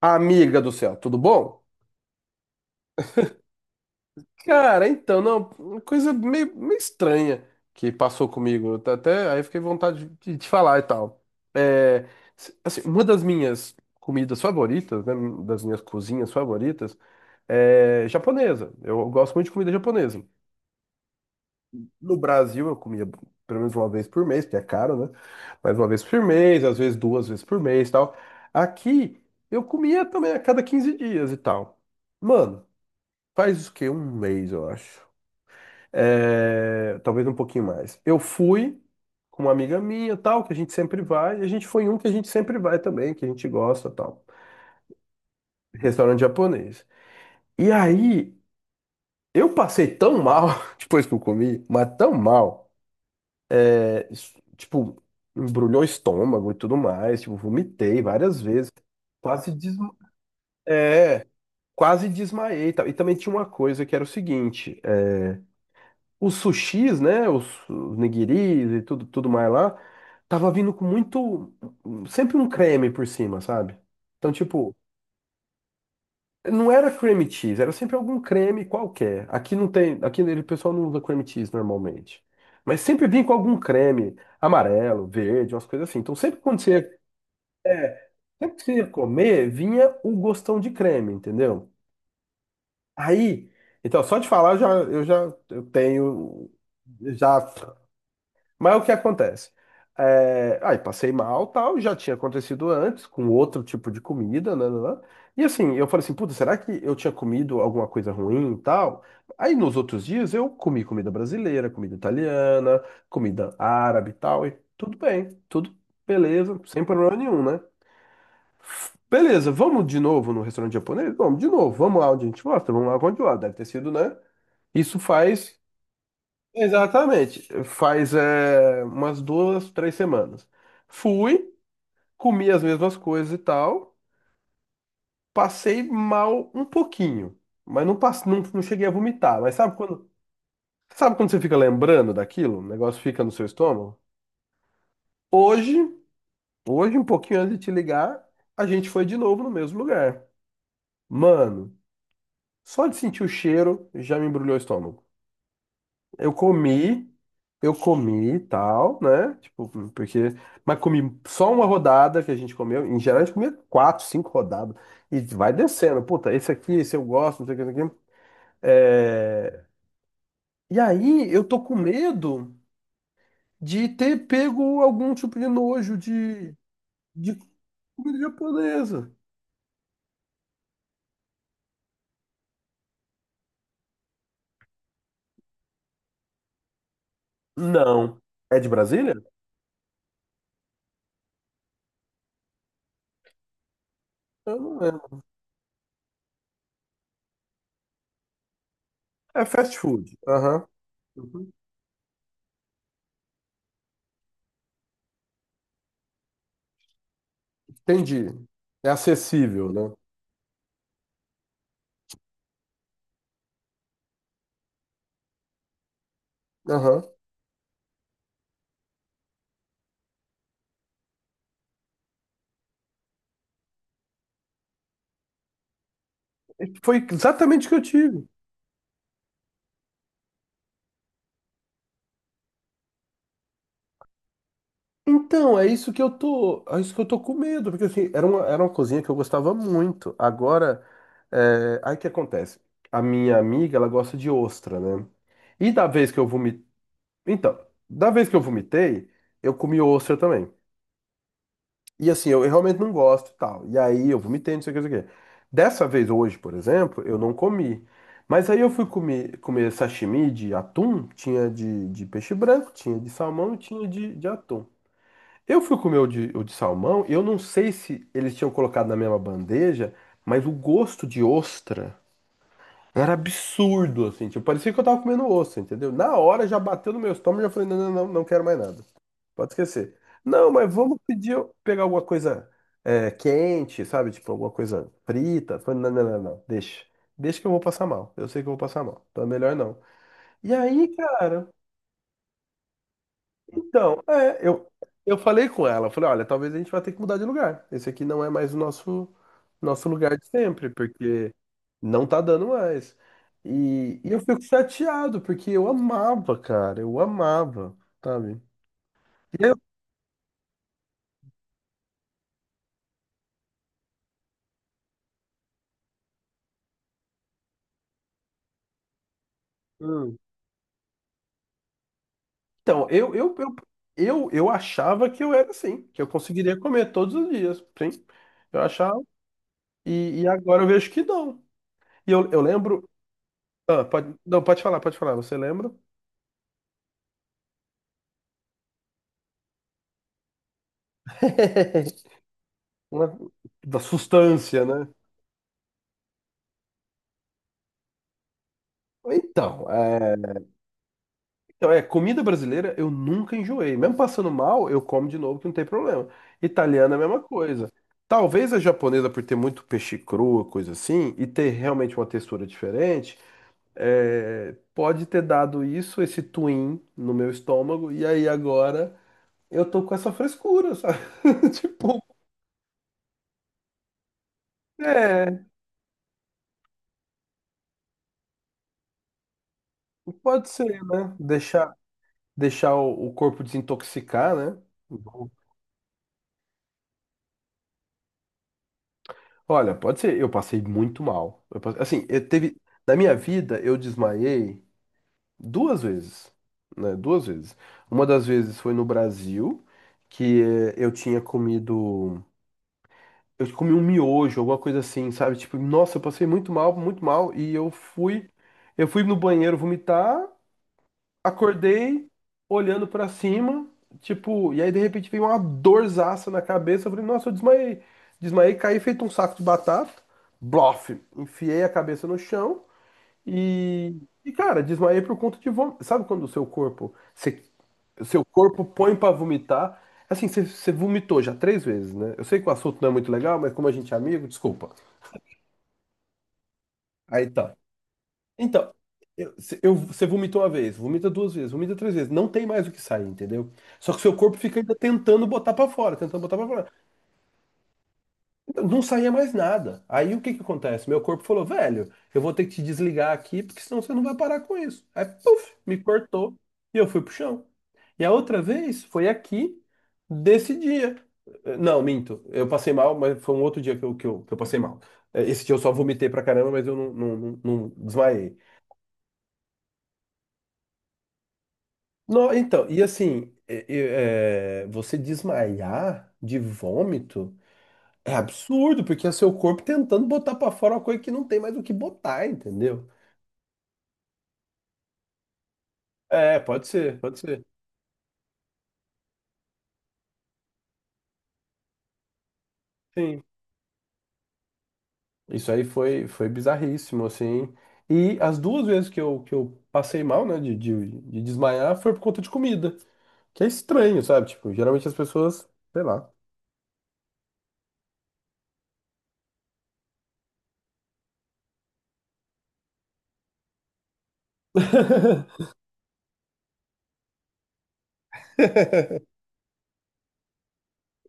Amiga do céu, tudo bom? Cara, então, não, uma coisa meio, meio estranha que passou comigo. Eu tá Até aí eu fiquei com vontade de te falar e tal. É, assim, uma das minhas comidas favoritas, né, das minhas cozinhas favoritas, é japonesa. Eu gosto muito de comida japonesa. No Brasil, eu comia pelo menos uma vez por mês, porque é caro, né? Mas uma vez por mês, às vezes duas vezes por mês e tal. Aqui, eu comia também a cada 15 dias e tal. Mano. Faz o quê? Um mês, eu acho. É, talvez um pouquinho mais. Eu fui com uma amiga minha, tal, que a gente sempre vai. E a gente foi em um que a gente sempre vai também, que a gente gosta, tal. Restaurante japonês. E aí, eu passei tão mal depois que eu comi, mas tão mal. É, isso, tipo, embrulhou o estômago e tudo mais. Tipo, vomitei várias vezes. Quase desma... É, quase desmaiei, e tal. E também tinha uma coisa que era o seguinte: os sushis, né, os nigiris e tudo mais lá, tava vindo sempre um creme por cima, sabe? Então, tipo, não era cream cheese, era sempre algum creme qualquer. Aqui não tem, aqui o pessoal não usa cream cheese normalmente. Mas sempre vinha com algum creme amarelo, verde, umas coisas assim. Então, é, sempre que você ia comer, vinha o gostão de creme, entendeu? Aí, então, só de falar, eu já, eu já eu tenho já mas o que acontece? É, aí passei mal, tal, já tinha acontecido antes, com outro tipo de comida, né. E assim, eu falei assim, puta, será que eu tinha comido alguma coisa ruim e tal? Aí nos outros dias eu comi comida brasileira, comida italiana, comida árabe e tal, e tudo bem, tudo beleza, sem problema nenhum, né? Beleza, vamos de novo no restaurante japonês? Vamos de novo, vamos lá onde a gente gosta, vamos lá onde eu gosto. Deve ter sido, né? Isso faz Exatamente. Faz umas 2, 3 semanas. Fui, comi as mesmas coisas e tal. Passei mal um pouquinho. Mas não, não, não cheguei a vomitar. Mas sabe quando você fica lembrando daquilo? O negócio fica no seu estômago? Hoje, hoje, um pouquinho antes de te ligar, a gente foi de novo no mesmo lugar. Mano, só de sentir o cheiro já me embrulhou o estômago. Eu comi, eu comi e tal, né? Tipo, porque. Mas comi só uma rodada que a gente comeu. Em geral, a gente comia quatro, cinco rodadas. E vai descendo. Puta, esse aqui, esse eu gosto, não sei o que, não sei o que. É... E aí, eu tô com medo de ter pego algum tipo de nojo de comida japonesa. Não. É de Brasília? Eu não lembro. É fast food. Aham. Uhum. Entendi. É acessível, né? Aham. Foi exatamente o que eu tive. Então, é isso que eu tô com medo, porque assim, era uma cozinha que eu gostava muito. Agora, aí o que acontece? A minha amiga, ela gosta de ostra, né? E da vez que eu vomitei, então, da vez que eu vomitei, eu comi ostra também. E assim, eu realmente não gosto e tal. E aí eu vomitei, não sei o que, não sei o que. Dessa vez hoje, por exemplo, eu não comi. Mas aí eu fui comer sashimi de atum, tinha de peixe branco, tinha de salmão e tinha de atum. Eu fui comer o de salmão e eu não sei se eles tinham colocado na mesma bandeja, mas o gosto de ostra era absurdo, assim. Tipo, parecia que eu tava comendo ostra, entendeu? Na hora já bateu no meu estômago e já falei, não, não, não, não quero mais nada. Pode esquecer. Não, mas vamos pedir, pegar alguma coisa quente, sabe? Tipo, alguma coisa frita. Falei, não, não, não, não, deixa. Deixa que eu vou passar mal. Eu sei que eu vou passar mal. Então é melhor não. E aí, cara. Então, eu falei com ela, eu falei, olha, talvez a gente vá ter que mudar de lugar. Esse aqui não é mais o nosso lugar de sempre, porque não tá dando mais. E eu fico chateado, porque eu amava, cara, eu amava, sabe? E hum. Então, eu achava que eu era assim, que eu conseguiria comer todos os dias, sim. Eu achava, e agora eu vejo que não. E eu lembro. Ah, pode, não, pode falar, você lembra? Uma- Da sustância, né? Então, comida brasileira eu nunca enjoei. Mesmo passando mal, eu como de novo que não tem problema. Italiana é a mesma coisa. Talvez a japonesa, por ter muito peixe cru, coisa assim, e ter realmente uma textura diferente, pode ter dado isso, esse twin no meu estômago, e aí agora eu tô com essa frescura, sabe? Tipo, é, pode ser, né? Deixar o corpo desintoxicar, né? Olha, pode ser. Eu passei muito mal. Assim, eu teve. Na minha vida, eu desmaiei duas vezes. Né? Duas vezes. Uma das vezes foi no Brasil, que eu tinha comido. Eu comi um miojo, alguma coisa assim, sabe? Tipo, nossa, eu passei muito mal, muito mal. Eu fui no banheiro vomitar. Acordei olhando pra cima, tipo, e aí de repente veio uma dorzaça na cabeça. Eu falei, nossa, eu desmaiei. Desmaiei, caí feito um saco de batata. Blof! Enfiei a cabeça no chão e cara, desmaiei por conta de vômito. Sabe quando o seu corpo, o seu corpo põe pra vomitar? Assim, você vomitou já três vezes, né? Eu sei que o assunto não é muito legal, mas como a gente é amigo, desculpa. Aí tá. Então, eu, se- eu- você vomitou uma vez, vomita duas vezes, vomita três vezes, não tem mais o que sair, entendeu? Só que seu corpo fica ainda tentando botar pra fora, tentando botar pra fora. Então, não saía mais nada. Aí o que que acontece? Meu corpo falou, velho, eu vou ter que te desligar aqui, porque senão você não vai parar com isso. Aí, puf, me cortou e eu fui pro chão. E a outra vez foi aqui, desse dia. Não, minto, eu passei mal, mas foi um outro dia que eu passei mal. Esse dia eu só vomitei pra caramba, mas eu não desmaiei. Não, então, e assim, você desmaiar de vômito é absurdo, porque é seu corpo tentando botar pra fora uma coisa que não tem mais o que botar, entendeu? É, pode ser, pode ser. Sim. Isso aí foi bizarríssimo, assim. E as duas vezes que eu passei mal, né, de desmaiar, foi por conta de comida. Que é estranho, sabe? Tipo, geralmente as pessoas, sei lá.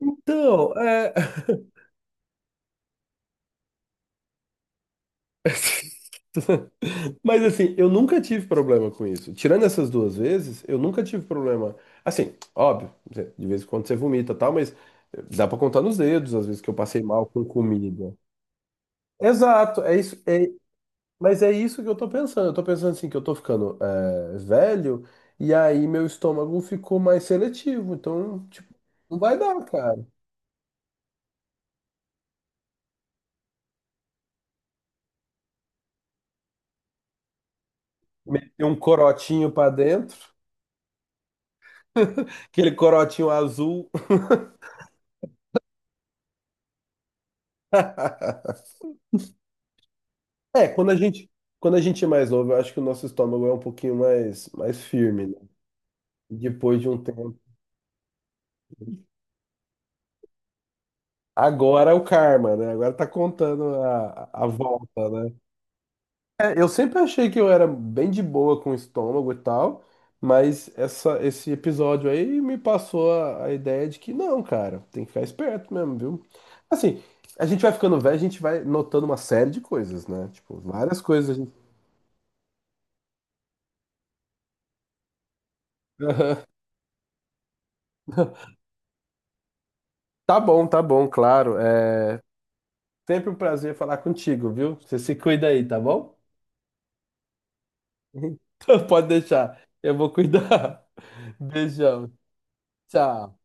Então, é. Mas assim, eu nunca tive problema com isso. Tirando essas duas vezes, eu nunca tive problema. Assim, óbvio, de vez em quando você vomita e tal, mas dá pra contar nos dedos as vezes que eu passei mal com comida. Exato, é isso. Mas é isso que eu tô pensando. Eu tô pensando assim, que eu tô ficando velho, e aí meu estômago ficou mais seletivo. Então, tipo, não vai dar, cara. Meter um corotinho pra dentro, aquele corotinho azul. É, quando a gente é mais novo, eu acho que o nosso estômago é um pouquinho mais firme, né? Depois de um tempo. Agora é o karma, né? Agora tá contando a volta, né? É, eu sempre achei que eu era bem de boa com o estômago e tal, mas essa, esse episódio aí me passou a ideia de que não, cara, tem que ficar esperto mesmo, viu? Assim, a gente vai ficando velho, a gente vai notando uma série de coisas, né? Tipo, várias coisas. Tá bom, claro. Sempre um prazer falar contigo, viu? Você se cuida aí, tá bom? Então, pode deixar. Eu vou cuidar. Beijão. Tchau.